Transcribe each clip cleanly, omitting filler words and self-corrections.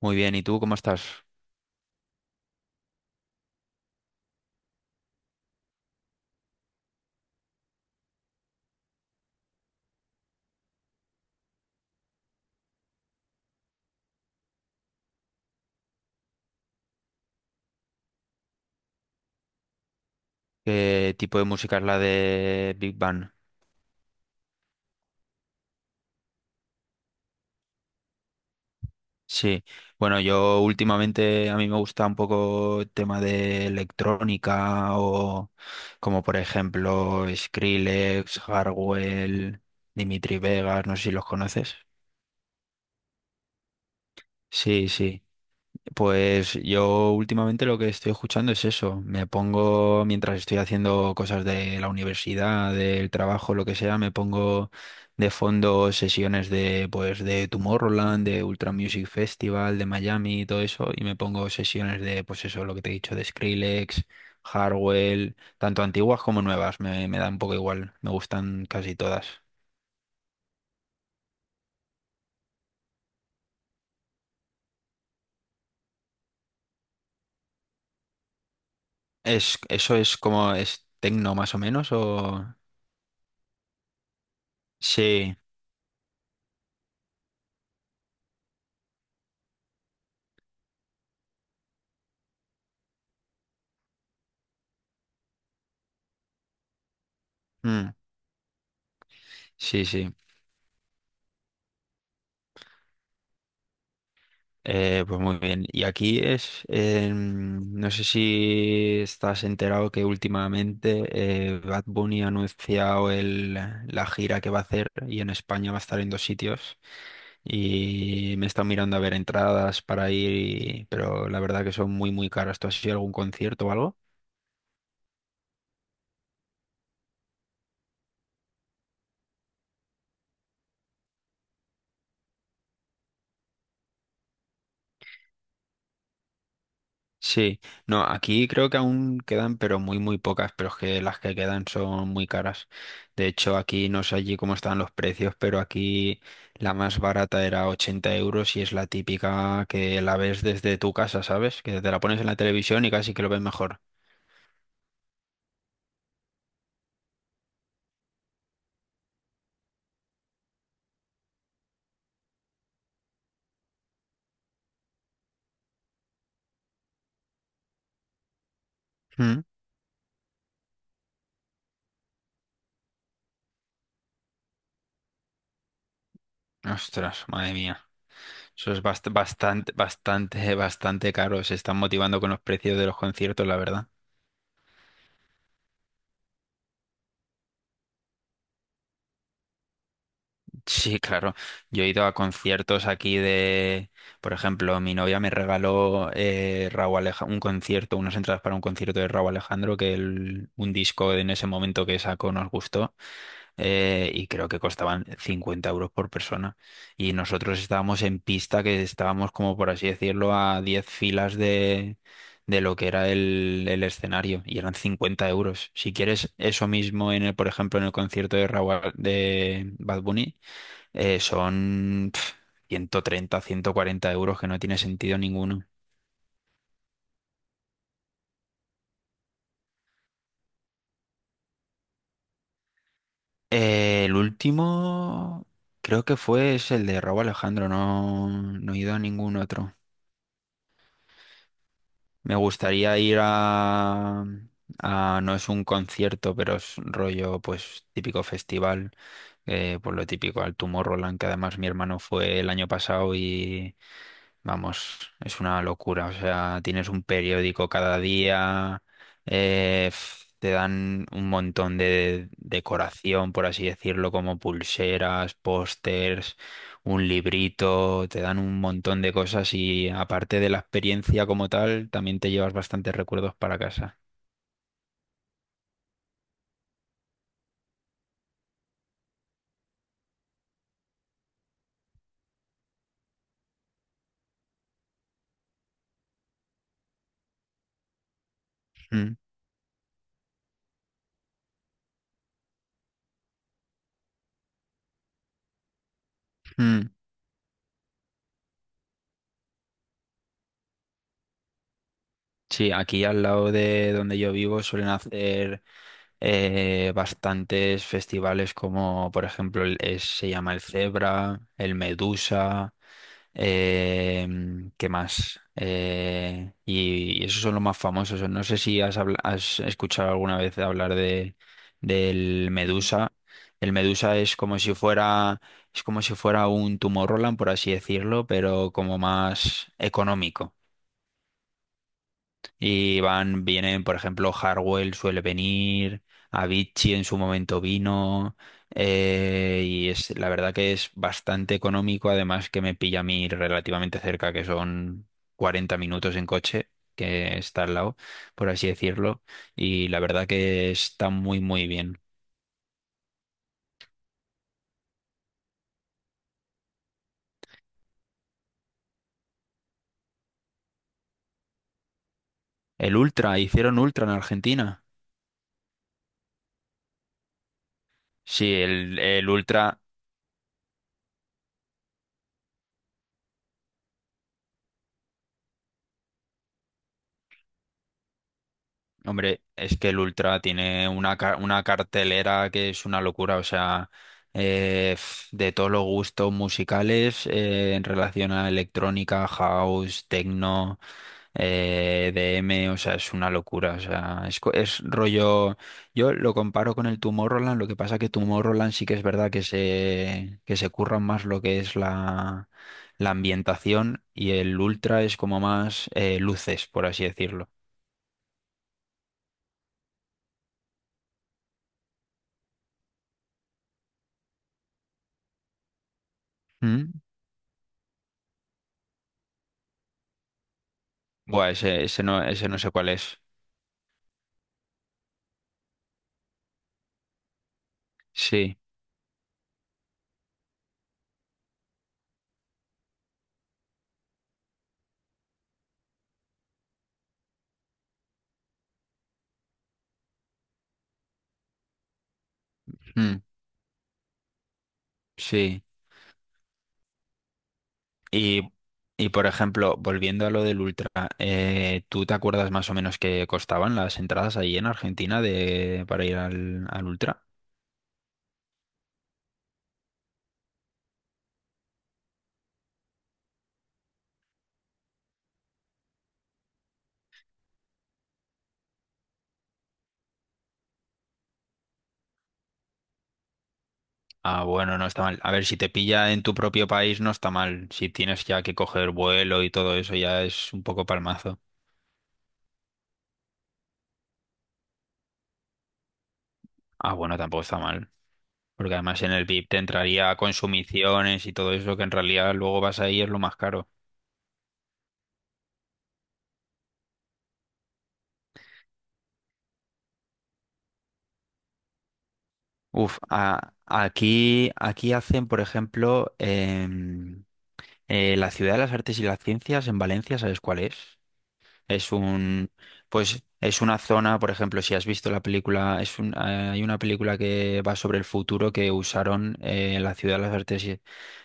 Muy bien, ¿y tú cómo estás? ¿Qué tipo de música es la de Big Bang? Sí, bueno, yo últimamente a mí me gusta un poco el tema de electrónica o como por ejemplo Skrillex, Hardwell, Dimitri Vegas, no sé si los conoces. Sí, sí. Pues yo últimamente lo que estoy escuchando es eso. Me pongo, mientras estoy haciendo cosas de la universidad, del trabajo, lo que sea, me pongo de fondo sesiones de, pues, de Tomorrowland, de Ultra Music Festival, de Miami y todo eso, y me pongo sesiones de, pues eso, lo que te he dicho, de Skrillex, Hardwell, tanto antiguas como nuevas, me da un poco igual, me gustan casi todas. Eso es como, es tecno más o menos. O... Sí. Mm. Sí, sí. Pues muy bien. Y aquí no sé si estás enterado que últimamente Bad Bunny ha anunciado la gira que va a hacer y en España va a estar en dos sitios y me está mirando a ver entradas para ir, pero la verdad que son muy muy caras. ¿Tú has ido a algún concierto o algo? Sí, no, aquí creo que aún quedan, pero muy, muy pocas, pero es que las que quedan son muy caras. De hecho, aquí no sé allí cómo están los precios, pero aquí la más barata era 80 € y es la típica que la ves desde tu casa, ¿sabes? Que te la pones en la televisión y casi que lo ves mejor. Mm. Ostras, madre mía. Eso es bastante, bastante, bastante caro. Se están motivando con los precios de los conciertos, la verdad. Sí, claro. Yo he ido a conciertos aquí de, por ejemplo, mi novia me regaló un concierto, unas entradas para un concierto de Rauw Alejandro, que un disco en ese momento que sacó nos gustó, y creo que costaban 50 € por persona. Y nosotros estábamos en pista, que estábamos como por así decirlo a 10 filas de lo que era el escenario y eran 50 euros. Si quieres eso mismo en el, por ejemplo, en el concierto de Bad Bunny. Son 130, 140 € que no tiene sentido ninguno. El último creo que fue es el de Raúl Alejandro, no, no he ido a ningún otro. Me gustaría ir no es un concierto, pero es rollo pues típico festival, por lo típico al Tomorrowland, que además mi hermano fue el año pasado. Vamos, es una locura. O sea, tienes un periódico cada día, te dan un montón de decoración, por así decirlo, como pulseras, pósters, un librito, te dan un montón de cosas y aparte de la experiencia como tal, también te llevas bastantes recuerdos para casa. Mm, mm. Sí, aquí al lado de donde yo vivo suelen hacer bastantes festivales como, por ejemplo, se llama el Zebra, el Medusa, eh, ¿qué más? Y esos son los más famosos. No sé si has escuchado alguna vez hablar del Medusa. El Medusa es como si fuera un Tomorrowland, por así decirlo, pero como más económico. Y vienen, por ejemplo, Hardwell suele venir, Avicii en su momento vino, y es la verdad que es bastante económico, además que me pilla a mí relativamente cerca, que son 40 minutos en coche, que está al lado, por así decirlo, y la verdad que está muy, muy bien. El Ultra, hicieron Ultra en Argentina. Sí, el Ultra. Hombre, es que el Ultra tiene una cartelera que es una locura, o sea, de todos los gustos musicales, en relación a electrónica, house, techno, eh, DM, o sea, es una locura, o sea, es rollo, yo lo comparo con el Tomorrowland, lo que pasa que Tomorrowland sí que es verdad que que se curran más lo que es la ambientación y el Ultra es como más luces, por así decirlo. Buah, ese, ese no sé cuál es. Sí, mm, sí. Y, y por ejemplo, volviendo a lo del Ultra, ¿tú te acuerdas más o menos qué costaban las entradas ahí en Argentina para ir al Ultra? Ah, bueno, no está mal. A ver, si te pilla en tu propio país, no está mal. Si tienes ya que coger vuelo y todo eso, ya es un poco palmazo. Ah, bueno, tampoco está mal. Porque además en el VIP te entraría consumiciones y todo eso, que en realidad luego vas ahí y es lo más caro. Uf, aquí hacen, por ejemplo, la Ciudad de las Artes y las Ciencias en Valencia, ¿sabes cuál es? Es un, es una zona, por ejemplo, si has visto la película, hay una película que va sobre el futuro que usaron, la Ciudad de las Artes y-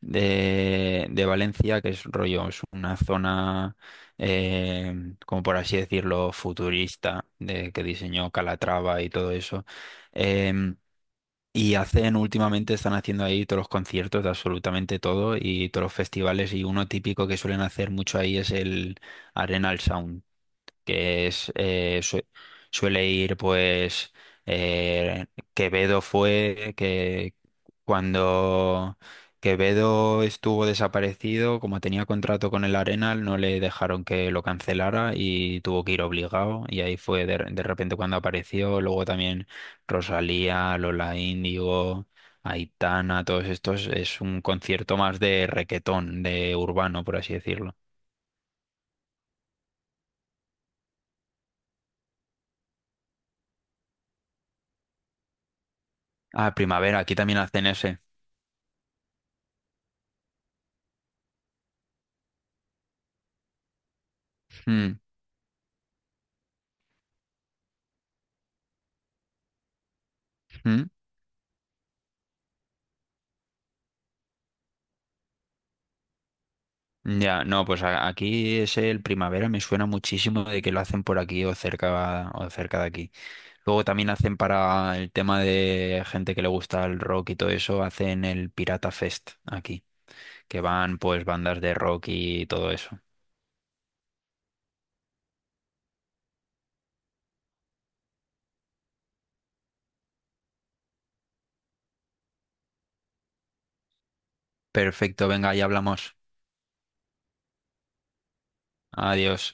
de, de Valencia, que es rollo, es una zona, como por así decirlo, futurista, de, que diseñó Calatrava y todo eso. Em, y hacen, últimamente están haciendo ahí todos los conciertos de absolutamente todo y todos los festivales y uno típico que suelen hacer mucho ahí es el Arenal Sound, que es, suele ir, pues, eh, Quevedo fue que cuando Quevedo estuvo desaparecido, como tenía contrato con el Arenal, no le dejaron que lo cancelara y tuvo que ir obligado y ahí fue de repente cuando apareció, luego también Rosalía, Lola Índigo, Aitana, todos estos es un concierto más de requetón, de urbano, por así decirlo. Ah, Primavera, aquí también hacen ese. Mm. ¿Mm? Ya, no, pues aquí es el Primavera, me suena muchísimo de que lo hacen por aquí o cerca, de aquí. Luego también hacen para el tema de gente que le gusta el rock y todo eso, hacen el Pirata Fest aquí, que van pues bandas de rock y todo eso. Perfecto, venga, ya hablamos. Adiós.